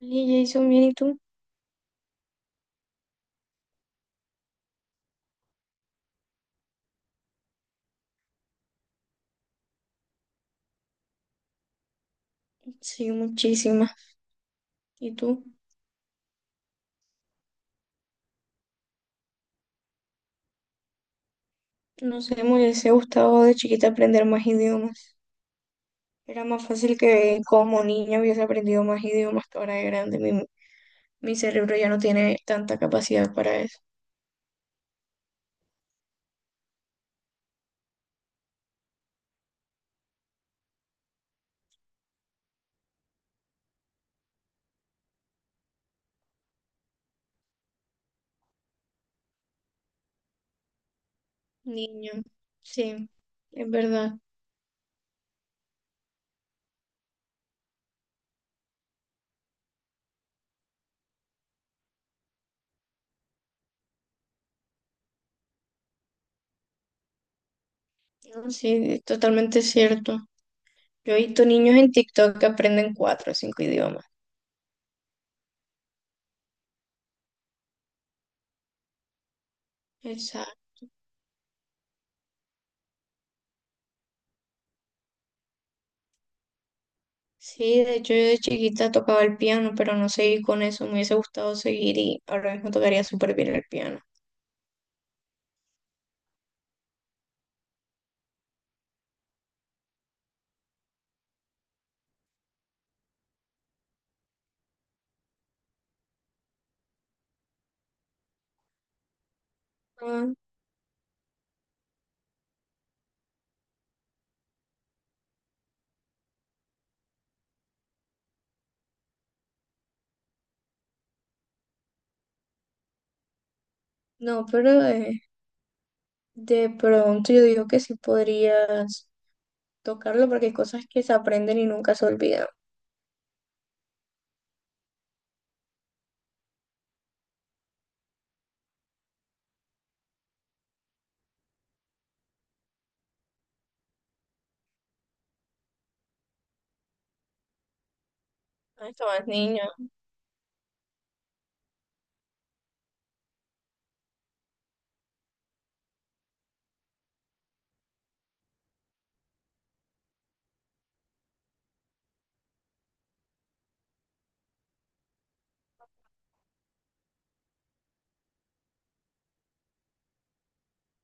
Y Jason, bien, ¿y tú? Sí, muchísimas. ¿Y tú? No sé, me hubiese gustado de chiquita aprender más idiomas. Era más fácil que como niña hubiese aprendido más idiomas que ahora de grande. Mi cerebro ya no tiene tanta capacidad para eso. Niño, sí, es verdad. No, sí, es totalmente cierto. Yo he visto niños en TikTok que aprenden cuatro o cinco idiomas. Exacto. Sí, de hecho yo de chiquita tocaba el piano, pero no seguí con eso. Me hubiese gustado seguir y ahora mismo tocaría súper bien el piano. Ah, no, pero de pronto yo digo que sí podrías tocarlo porque hay cosas que se aprenden y nunca se olvidan. Ah, estabas niño.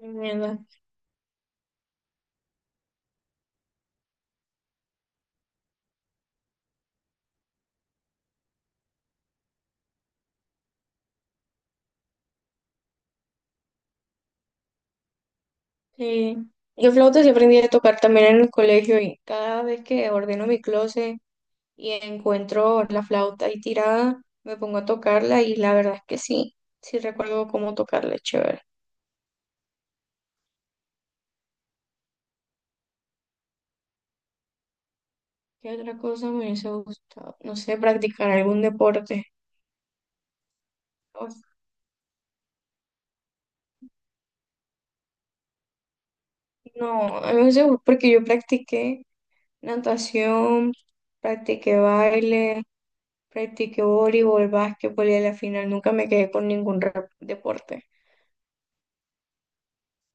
Mierda. Sí. Yo flauta sí aprendí a tocar también en el colegio y cada vez que ordeno mi closet y encuentro la flauta ahí tirada, me pongo a tocarla y la verdad es que sí, sí recuerdo cómo tocarla, es chévere. ¿Qué otra cosa me hubiese gustado? No sé, practicar algún deporte. O- No, a mí me hubiese gustado porque yo practiqué, natación, practiqué baile, practiqué voleibol, básquetbol y a la final nunca me quedé con ningún deporte.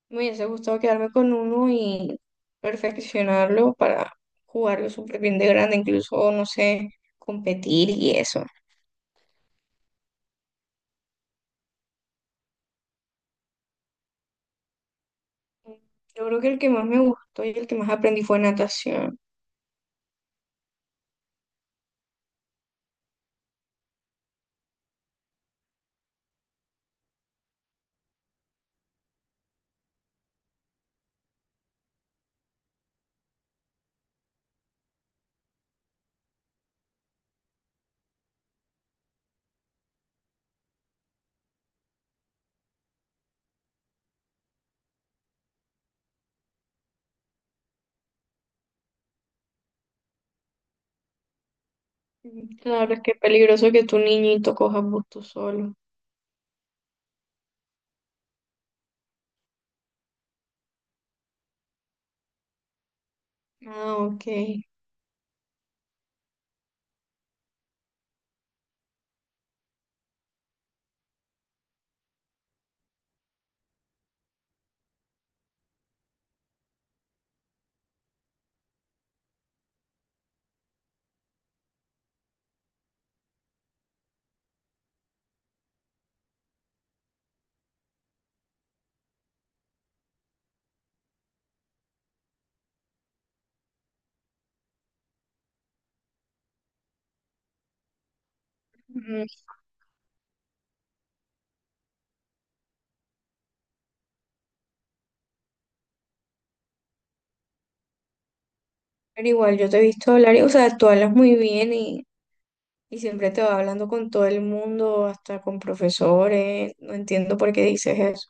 Me hubiese gustado quedarme con uno y perfeccionarlo para jugarlo súper bien de grande, incluso, no sé, competir y eso. Yo creo que el que más me gustó y el que más aprendí fue natación. Mm, claro, es que es peligroso que tu niñito coja bus tú solo. Ah, ok. Mm, Pero igual, yo te he visto hablar y, o sea, tú hablas muy bien y siempre te va hablando con todo el mundo, hasta con profesores. No entiendo por qué dices eso.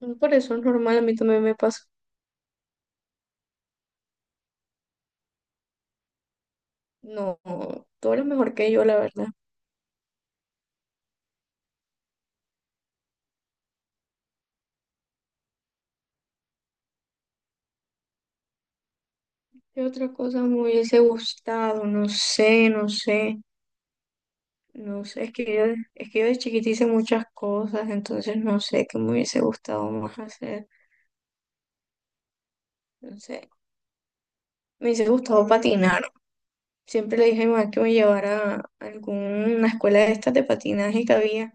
No, por eso es normal, a mí también me pasa. No, tú eres mejor que yo, la verdad. ¿Qué otra cosa me hubiese gustado? No sé, no sé. No sé, es que yo de chiquita hice muchas cosas, entonces no sé qué me hubiese gustado más hacer. No sé, me hubiese gustado patinar. Siempre le dije a mi mamá que me llevara a alguna escuela de estas de patinaje que había,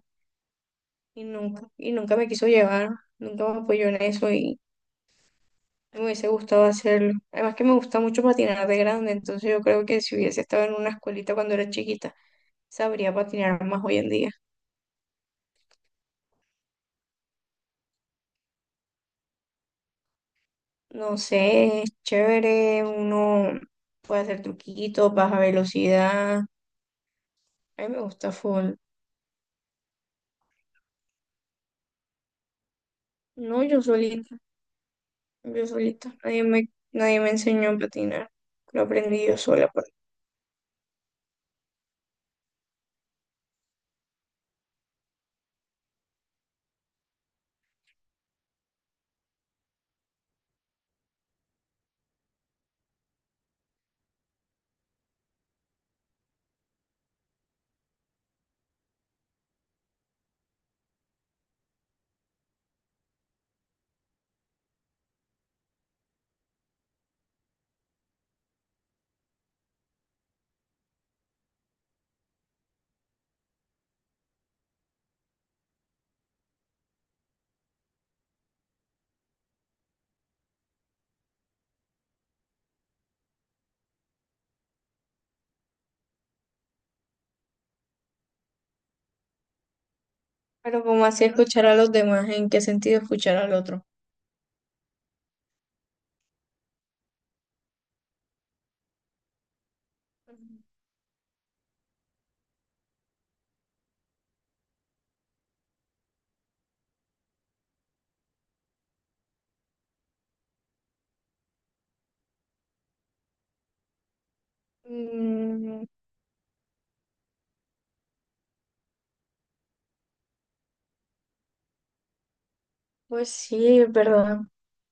y nunca me quiso llevar, nunca me apoyó en eso y me hubiese gustado hacerlo. Además que me gusta mucho patinar de grande, entonces yo creo que si hubiese estado en una escuelita cuando era chiquita, sabría patinar más hoy en día. No sé, es chévere, uno puede hacer truquitos, baja velocidad, a mí me gusta full. No, yo solita, nadie me enseñó a patinar, lo aprendí yo sola, pues. ¿Pero como así escuchar a los demás? ¿En qué sentido escuchar al otro? Mm, pues sí, es verdad.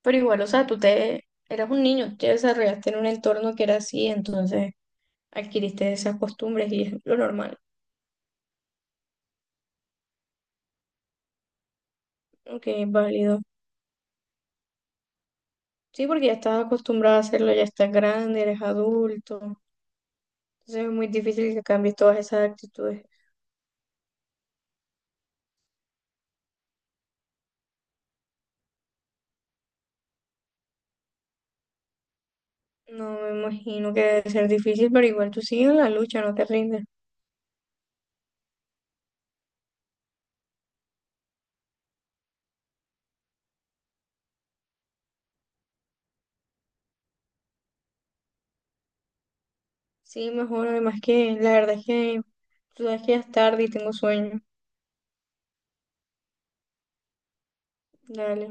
Pero igual, o sea, tú te eras un niño, te desarrollaste en un entorno que era así, entonces adquiriste esas costumbres y es lo normal, aunque es válido. Sí, porque ya estás acostumbrado a hacerlo, ya estás grande, eres adulto, entonces es muy difícil que cambies todas esas actitudes. No me imagino que debe ser difícil, pero igual tú sigues en la lucha, no te rindes. Sí, mejor, además que la verdad es que tú sabes que ya es tarde y tengo sueño. Dale.